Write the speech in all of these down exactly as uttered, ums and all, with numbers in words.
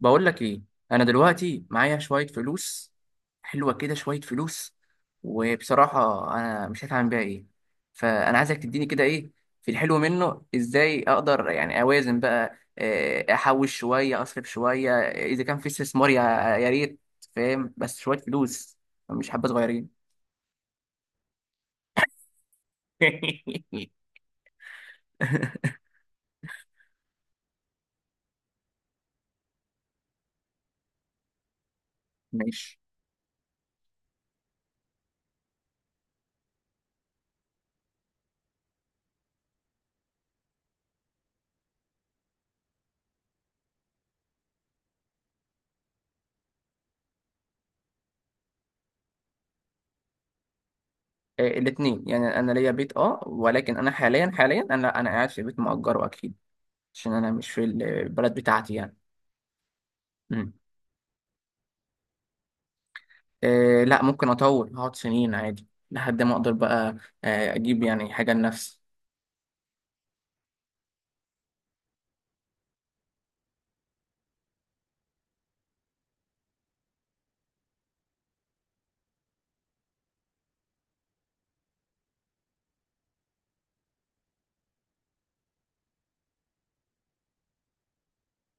بقول لك ايه. انا دلوقتي معايا شويه فلوس. حلوه كده شويه فلوس، وبصراحه انا مش عارف اعمل بيها ايه. فانا عايزك تديني كده ايه في الحلو منه، ازاي اقدر يعني اوازن بقى؟ آه، احوش شويه اصرف شويه، اذا كان في استثمار يا يا ريت. فاهم؟ بس شويه فلوس، مش حبه صغيرين. ماشي. آه، الاتنين. يعني انا ليا بيت، اه، ولكن انا حاليا حاليا انا انا قاعد في بيت مؤجره، اكيد عشان انا مش في البلد بتاعتي يعني. مم. آه لا، ممكن اطول، هقعد سنين عادي لحد ما اقدر بقى آه اجيب يعني حاجه لنفسي.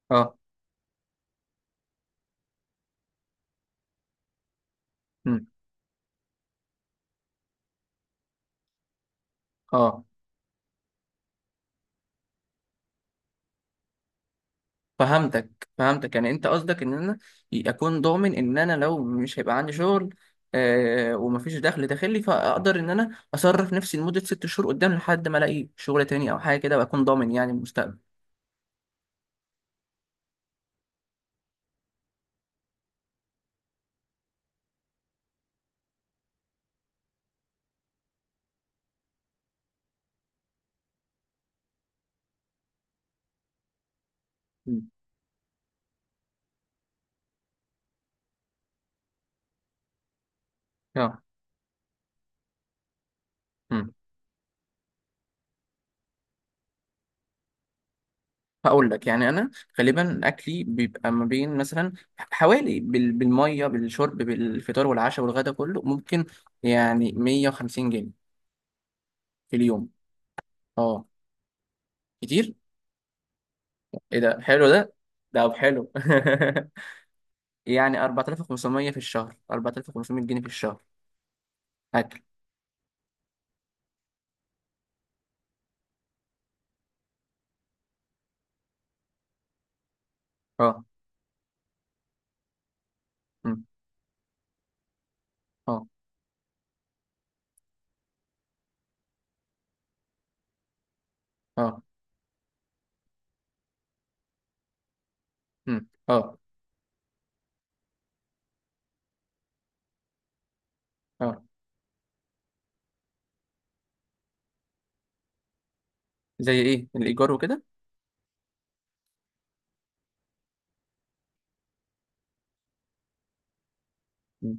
اه. مم. اه، فهمتك فهمتك. يعني انت قصدك ان انا اكون ضامن ان انا لو مش هيبقى عندي شغل آه ومفيش دخل داخلي، فاقدر ان انا اصرف نفسي لمده ست شهور قدام، لحد ما الاقي شغل تاني او حاجه كده، واكون ضامن يعني المستقبل. مم. اه. مم. هقول لك. يعني انا غالبا اكلي بيبقى ما بين مثلا حوالي بال- بالميه بالشرب بالفطار والعشاء والغدا كله، ممكن يعني مية وخمسين جنيه في اليوم. اه، كتير. ايه ده؟ حلو ده ده حلو. يعني أربعة آلاف وخمسمية في الشهر، أربعة آلاف وخمسمية جنيه في الشهر. اكل. اه. أمم، اه. اه. أمم، اه. اه، زي ايه؟ الايجار وكده؟ أمم،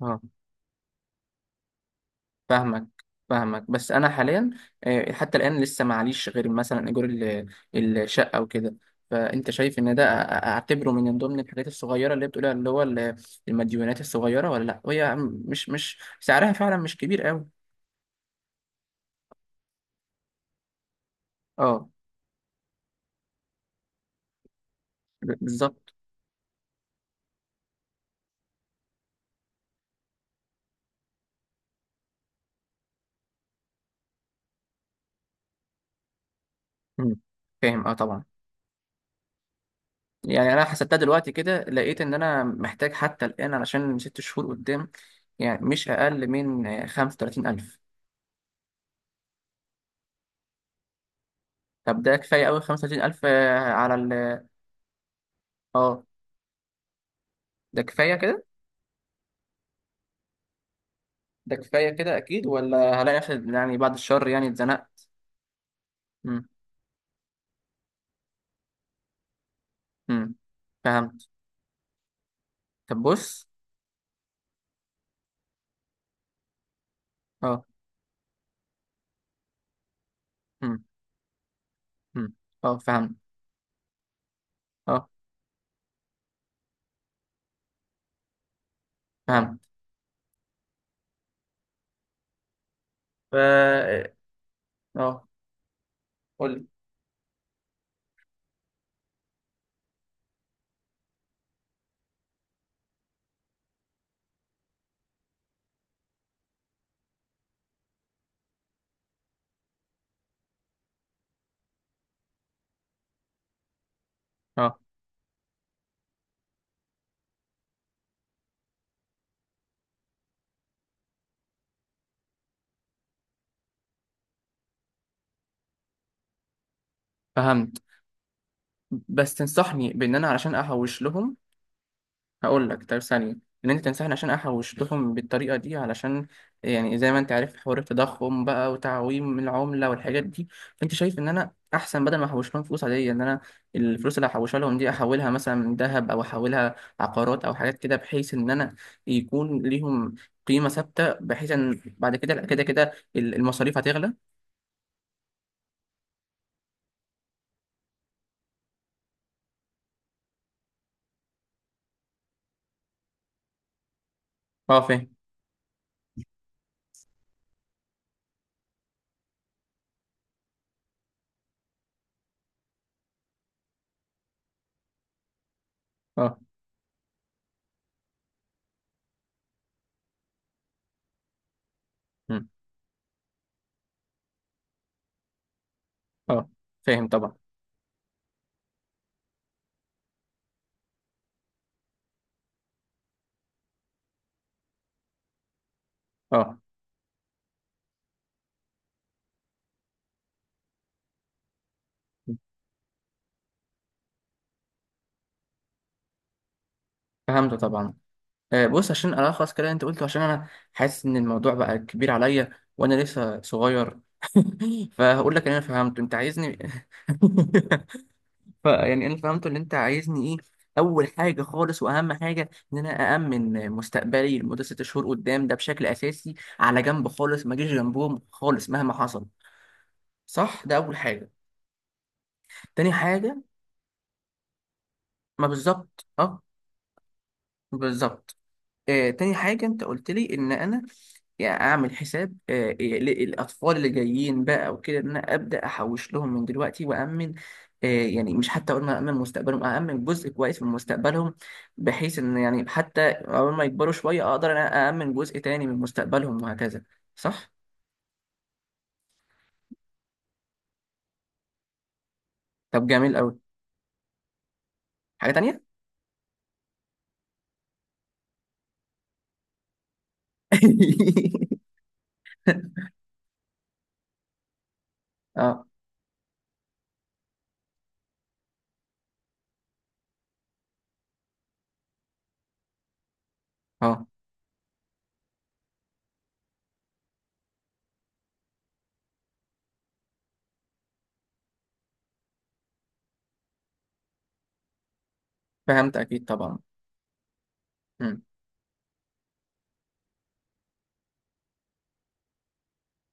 اه. فاهمك فاهمك، بس انا حاليا آه، حتى الان لسه معليش غير مثلا ايجار ال- الشقه وكده. فانت شايف ان ده أ- أ- اعتبره من ضمن الحاجات الصغيره اللي بتقولها، اللي هو ال- المديونات الصغيره، ولا لا؟ وهي م- مش مش سعرها فعلا مش كبير قوي. اه، ب- بالظبط. مم. فاهم، اه، طبعا. يعني انا حسبتها دلوقتي كده، لقيت ان انا محتاج حتى الان علشان ست شهور قدام يعني مش اقل من آه، خمسة وتلاتين ألف. طب ده كفايه قوي خمسة وتلاتين ألف؟ آه، على ال اه ده كفاية كده. ده كفاية كده، أكيد؟ ولا هلاقي نفسي يعني بعد الشر يعني اتزنقت؟ مم. مم. فهمت. طب بص. اه. مم. مم. اه، فهمت. اه، فهمت. ف اه آه، قول لي. اه، فهمت. بس تنصحني بإن أنا علشان أحوش لهم؟ هقول لك. طب ثانية، إن أنت تنصحني عشان أحوش لهم بالطريقة دي، علشان يعني زي ما أنت عارف حوار التضخم بقى وتعويم العملة والحاجات دي. فأنت شايف إن أنا أحسن بدل ما أحوش لهم فلوس عادية، إن أنا الفلوس اللي هحوشها لهم دي أحولها مثلا من ذهب، أو أحولها عقارات أو حاجات كده، بحيث إن أنا يكون ليهم قيمة ثابتة، بحيث إن بعد كده كده كده المصاريف هتغلى. أه، فاهم. أه. مم. أه، فاهم طبعا. أه، فهمت طبعا. آه، بص، عشان ألخص كده أنت قلته، عشان أنا حاسس إن الموضوع بقى كبير عليا، وأنا لسه صغير. فهقول لك إن أنا فهمته. أنت عايزني؟ فيعني أنا فهمته إن أنت عايزني إيه. أول حاجة خالص وأهم حاجة إن أنا أأمن مستقبلي لمدة ست شهور قدام، ده بشكل أساسي على جنب خالص، ما أجيش جنبهم خالص مهما حصل. صح؟ ده أول حاجة. تاني حاجة. ما بالظبط، أه، بالظبط. آه، تاني حاجة، انت قلت لي ان انا يعني اعمل حساب آه، ل- الاطفال اللي جايين بقى وكده، ان انا ابدا احوش لهم من دلوقتي، وامن آه، يعني مش، حتى قلنا امن مستقبلهم، امن جزء كويس من مستقبلهم، بحيث ان يعني حتى اول ما يكبروا شوية اقدر ان انا امن جزء تاني من مستقبلهم وهكذا. صح؟ طب جميل قوي. حاجة تانية؟ اه. اه، فهمت اكيد طبعا. مم.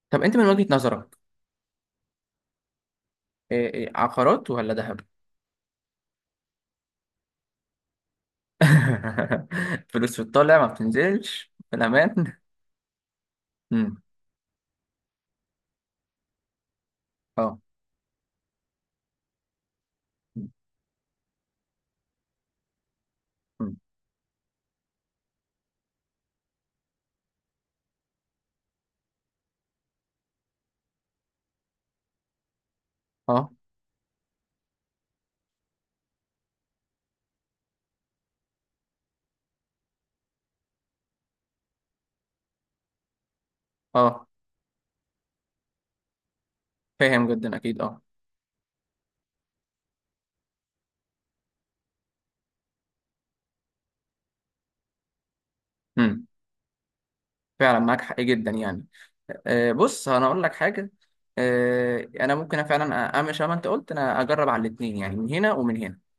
طب انت من وجهة نظرك آه، آه، عقارات ولا ذهب؟ فلوس في الطالع ما بتنزلش في الأمان. مم. اه. مم. اه. اه، فاهم جدا أكيد، اه. مم. فعلا معاك حق جدا يعني. آه، بص، أنا أقول لك حاجة. آه، أنا ممكن فعلا أ- أعمل شبه ما أنت قلت. أنا أجرب على الاتنين، يعني من هنا ومن هنا.